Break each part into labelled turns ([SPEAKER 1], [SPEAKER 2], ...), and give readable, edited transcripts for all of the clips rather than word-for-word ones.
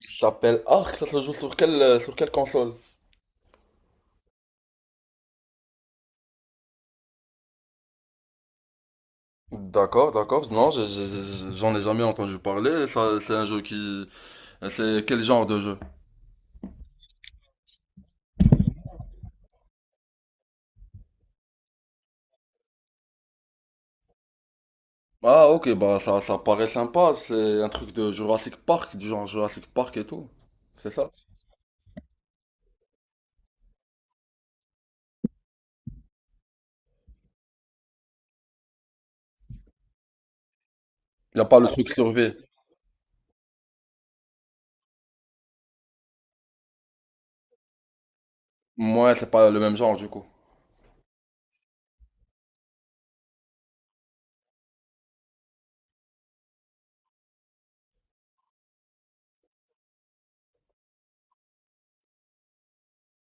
[SPEAKER 1] S'appelle Ark, ça se joue sur quelle console? D'accord, d'accord. Non, j'en ai jamais entendu parler. Ça, c'est un jeu qui... C'est quel genre de jeu? Ah, ok, bah ça, ça paraît sympa. C'est un truc de Jurassic Park, du genre Jurassic Park et tout. C'est ça? Y a pas le truc survie. Moi, c'est pas le même genre du coup.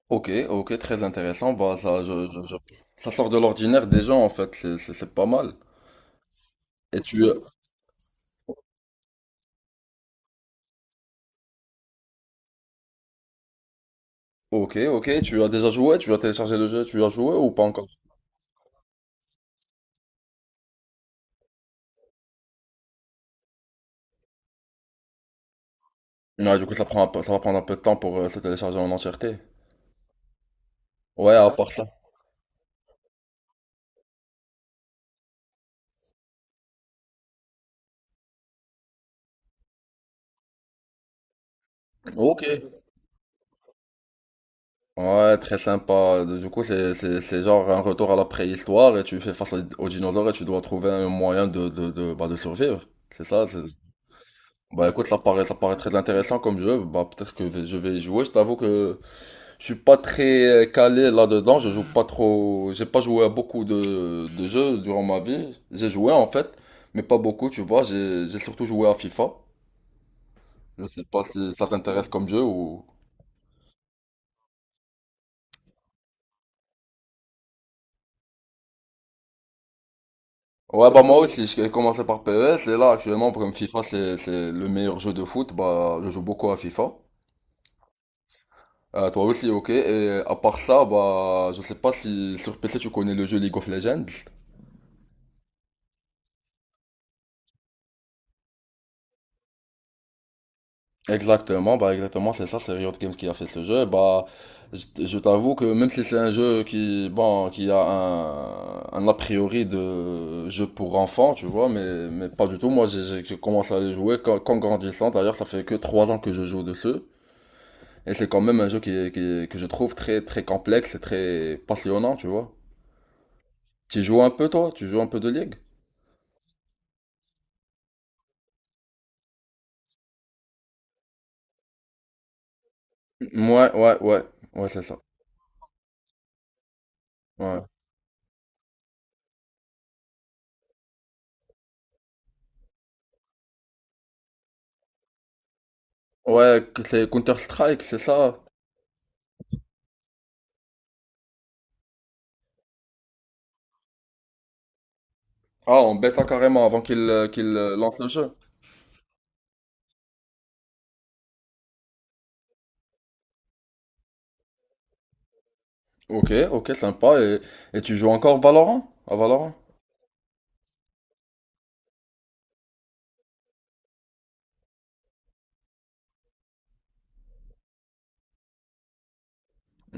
[SPEAKER 1] Ok, ok, très intéressant. Bah ça, ça sort de l'ordinaire des gens en fait. C'est pas mal. Et tu... Ok, ok, tu as déjà joué? Tu as téléchargé le jeu? Tu as joué ou pas encore? Ouais, du coup, ça va prendre un peu de temps pour se télécharger en entièreté. Ouais, à part ça. Ok. Ouais, très sympa. Du coup, c'est genre un retour à la préhistoire et tu fais face à- aux dinosaures et tu dois trouver un moyen bah, de survivre. C'est ça, c'est- Bah écoute, ça paraît très intéressant comme jeu. Bah peut-être que je vais y jouer. Je t'avoue que je suis pas très calé là-dedans. Je joue pas trop. J'ai pas joué à beaucoup de jeux durant ma vie. J'ai joué en fait, mais pas beaucoup, tu vois. J'ai surtout joué à FIFA. Je sais pas si ça t'intéresse comme jeu ou... Ouais, bah moi aussi, j'ai commencé par PES et là actuellement, comme FIFA, c'est le meilleur jeu de foot, bah je joue beaucoup à FIFA. Toi aussi, ok. Et à part ça, bah je sais pas si sur PC tu connais le jeu League of Legends. Exactement, bah exactement, c'est ça, c'est Riot Games qui a fait ce jeu. Bah, je t'avoue que même si c'est un jeu qui, bon, qui a un a priori de jeu pour enfants, tu vois, mais pas du tout. Moi, j'ai commencé à les jouer qu'en grandissant. D'ailleurs, ça fait que 3 ans que je joue dessus. Et c'est quand même un jeu que je trouve très, très complexe et très passionnant, tu vois. Tu joues un peu, toi? Tu joues un peu de League? Ouais, ouais, ouais. Ouais, c'est ça. Ouais. Ouais, que c'est Counter-Strike, c'est ça. Ah, en bêta carrément avant qu'il lance le jeu. Ok, ok, sympa. Et tu joues encore Valorant? À Valorant?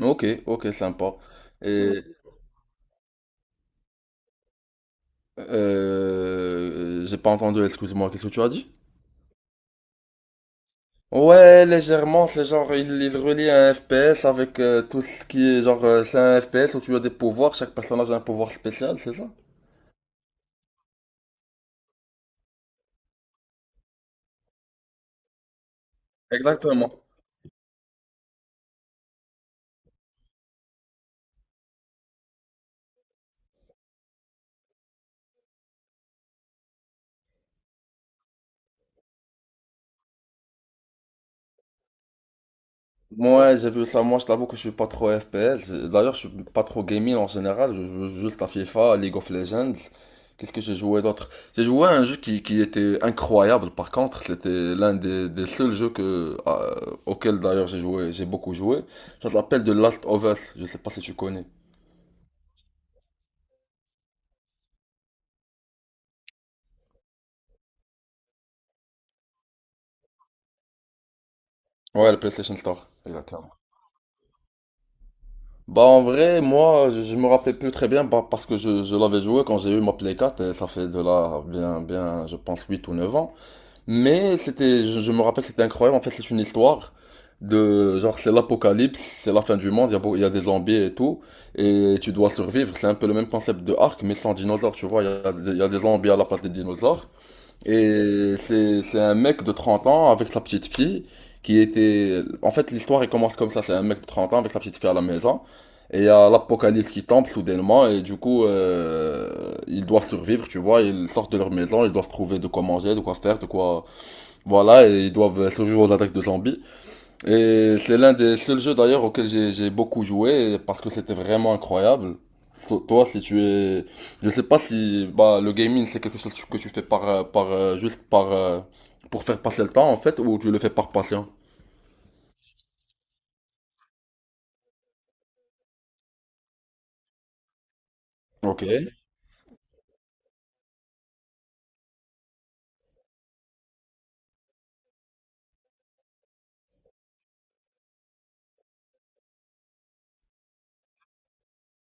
[SPEAKER 1] Ok, ok, sympa. Et j'ai pas entendu, excuse-moi, qu'est-ce que tu as dit? Ouais, légèrement, c'est genre, il relie un FPS avec tout ce qui est genre, c'est un FPS où tu as des pouvoirs, chaque personnage a un pouvoir spécial, c'est ça? Exactement. Moi, j'ai vu ça. Moi, je t'avoue que je suis pas trop FPS. D'ailleurs, je suis pas trop gaming en général. Je joue juste à FIFA, League of Legends. Qu'est-ce que j'ai joué d'autre? J'ai joué à un jeu qui était incroyable. Par contre, c'était l'un des seuls jeux que, auquel d'ailleurs j'ai joué, j'ai beaucoup joué. Ça s'appelle The Last of Us. Je sais pas si tu connais. Ouais, le PlayStation Store, exactement. Bah en vrai, moi, je me rappelle plus très bien bah, parce que je l'avais joué quand j'ai eu ma Play 4 et ça fait de là bien, je pense 8 ou 9 ans. Mais c'était, je me rappelle que c'était incroyable. En fait, c'est une histoire de, genre, c'est l'apocalypse, c'est la fin du monde, il y a, il y a des zombies et tout, et tu dois survivre. C'est un peu le même concept de Ark, mais sans dinosaures, tu vois. Il y a, il y a des zombies à la place des dinosaures. Et c'est un mec de 30 ans avec sa petite fille qui était, en fait, l'histoire, elle commence comme ça. C'est un mec de 30 ans avec sa petite fille à la maison. Et il y a l'apocalypse qui tombe soudainement et du coup ils doivent survivre, tu vois, ils sortent de leur maison, ils doivent trouver de quoi manger, de quoi faire, de quoi voilà, et ils doivent survivre aux attaques de zombies. Et c'est l'un des seuls jeux d'ailleurs auquel j'ai beaucoup joué parce que c'était vraiment incroyable. So- Toi, si tu es, je sais pas si bah le gaming c'est quelque chose que tu fais par par juste par pour faire passer le temps en fait ou tu le fais par passion. Ok.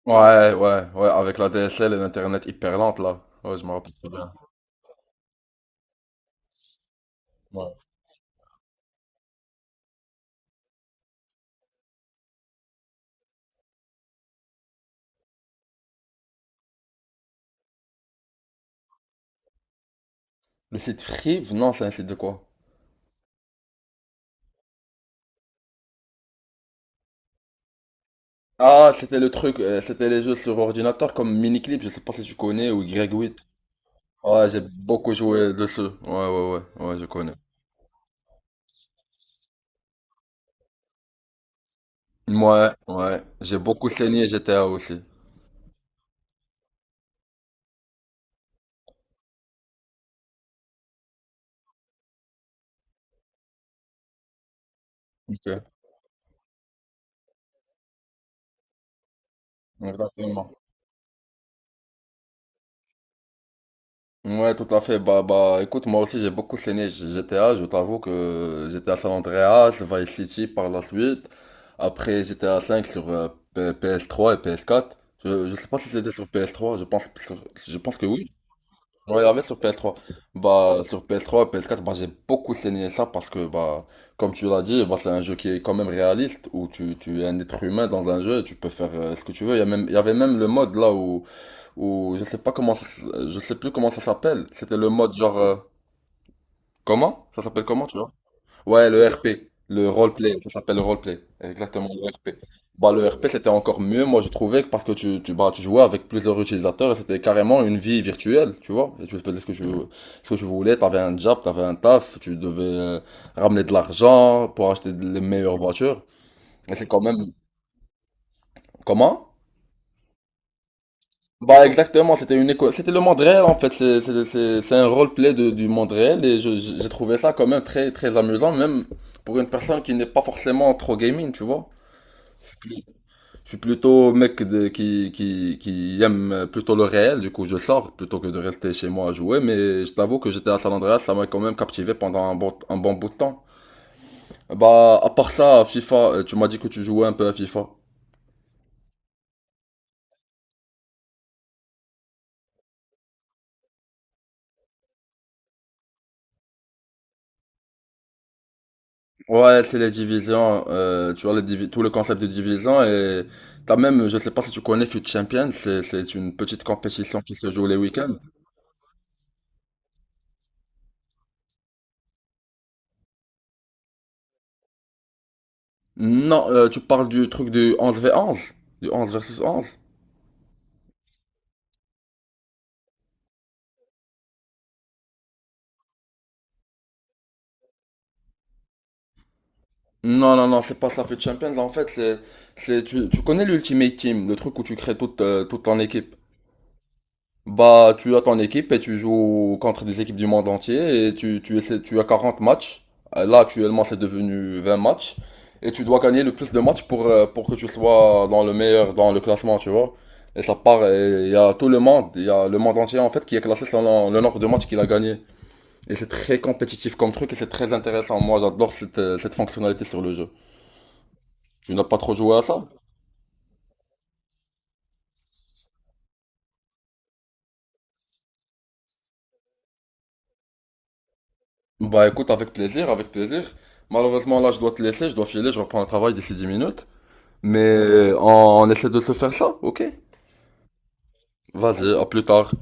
[SPEAKER 1] Ouais, ouais, ouais, avec la DSL et l'internet hyper lente là. Ouais, je me rappelle très bien. Ouais. Le site Free, non, c'est un site de quoi? Ah, c'était le truc, c'était les jeux sur ordinateur comme Miniclip, je sais pas si tu connais, ou Greg. Ouais, j'ai beaucoup joué dessus. Ouais, ouais, ouais, ouais, je connais. Ouais, ouais, j'ai beaucoup saigné GTA aussi. Ok, exactement. Ouais, tout à fait. Bah, bah, écoute, moi aussi j'ai beaucoup saigné GTA. Je t'avoue que GTA San Andreas, Vice City par la suite. Après GTA 5 sur PS3 et PS4. Je sais pas si c'était sur PS3. Je pense, je pense que oui. Ouais, Royal sur PS3. Bah, sur PS3, PS4, bah, j'ai beaucoup saigné ça parce que, bah, comme tu l'as dit, bah, c'est un jeu qui est quand même réaliste où tu es un être humain dans un jeu et tu peux faire ce que tu veux. Il y a même, il y avait même le mode là où, où je sais pas comment, je sais plus comment ça s'appelle. C'était le mode genre, comment? Ça s'appelle comment, tu vois? Ouais, le RP, le roleplay, ça s'appelle le roleplay, exactement le RP. Bah, le RP c'était encore mieux, moi je trouvais, parce que bah, tu jouais avec plusieurs utilisateurs et c'était carrément une vie virtuelle, tu vois. Et tu faisais ce que tu voulais, t'avais un job, t'avais un taf, tu devais ramener de l'argent pour acheter les meilleures voitures. Et c'est quand même. Comment? Bah, exactement, c'était une école, c'était le monde réel en fait, c'est un roleplay de, du monde réel et j'ai trouvé ça quand même très, très amusant, même pour une personne qui n'est pas forcément trop gaming, tu vois. Je suis plus- je suis plutôt mec de, qui aime plutôt le réel, du coup je sors plutôt que de rester chez moi à jouer, mais je t'avoue que j'étais à San Andreas, ça m'a quand même captivé pendant un bon bout de temps. Bah, à part ça, FIFA, tu m'as dit que tu jouais un peu à FIFA. Ouais, c'est les divisions, tu vois, tout le concept de division, et t'as même, je sais pas si tu connais FUT Champions, c'est une petite compétition qui se joue les week-ends. Non, tu parles du truc du onze v onze, du 11 versus 11. Non, non, non, c'est pas ça fait Champions. En fait, tu, tu connais l'Ultimate Team, le truc où tu crées toute, toute ton équipe. Bah, tu as ton équipe et tu joues contre des équipes du monde entier et tu essaies, tu as 40 matchs. Là, actuellement, c'est devenu 20 matchs. Et tu dois gagner le plus de matchs pour que tu sois dans le meilleur, dans le classement, tu vois. Et ça part, et il y a tout le monde, il y a le monde entier, en fait, qui est classé selon le nombre de matchs qu'il a gagné. Et c'est très compétitif comme truc et c'est très intéressant. Moi, j'adore cette, cette fonctionnalité sur le jeu. Tu n'as pas trop joué à ça? Bah écoute, avec plaisir, avec plaisir. Malheureusement, là, je dois te laisser, je dois filer, je reprends le travail d'ici 10 minutes. Mais on essaie de se faire ça, ok? Vas-y, à plus tard.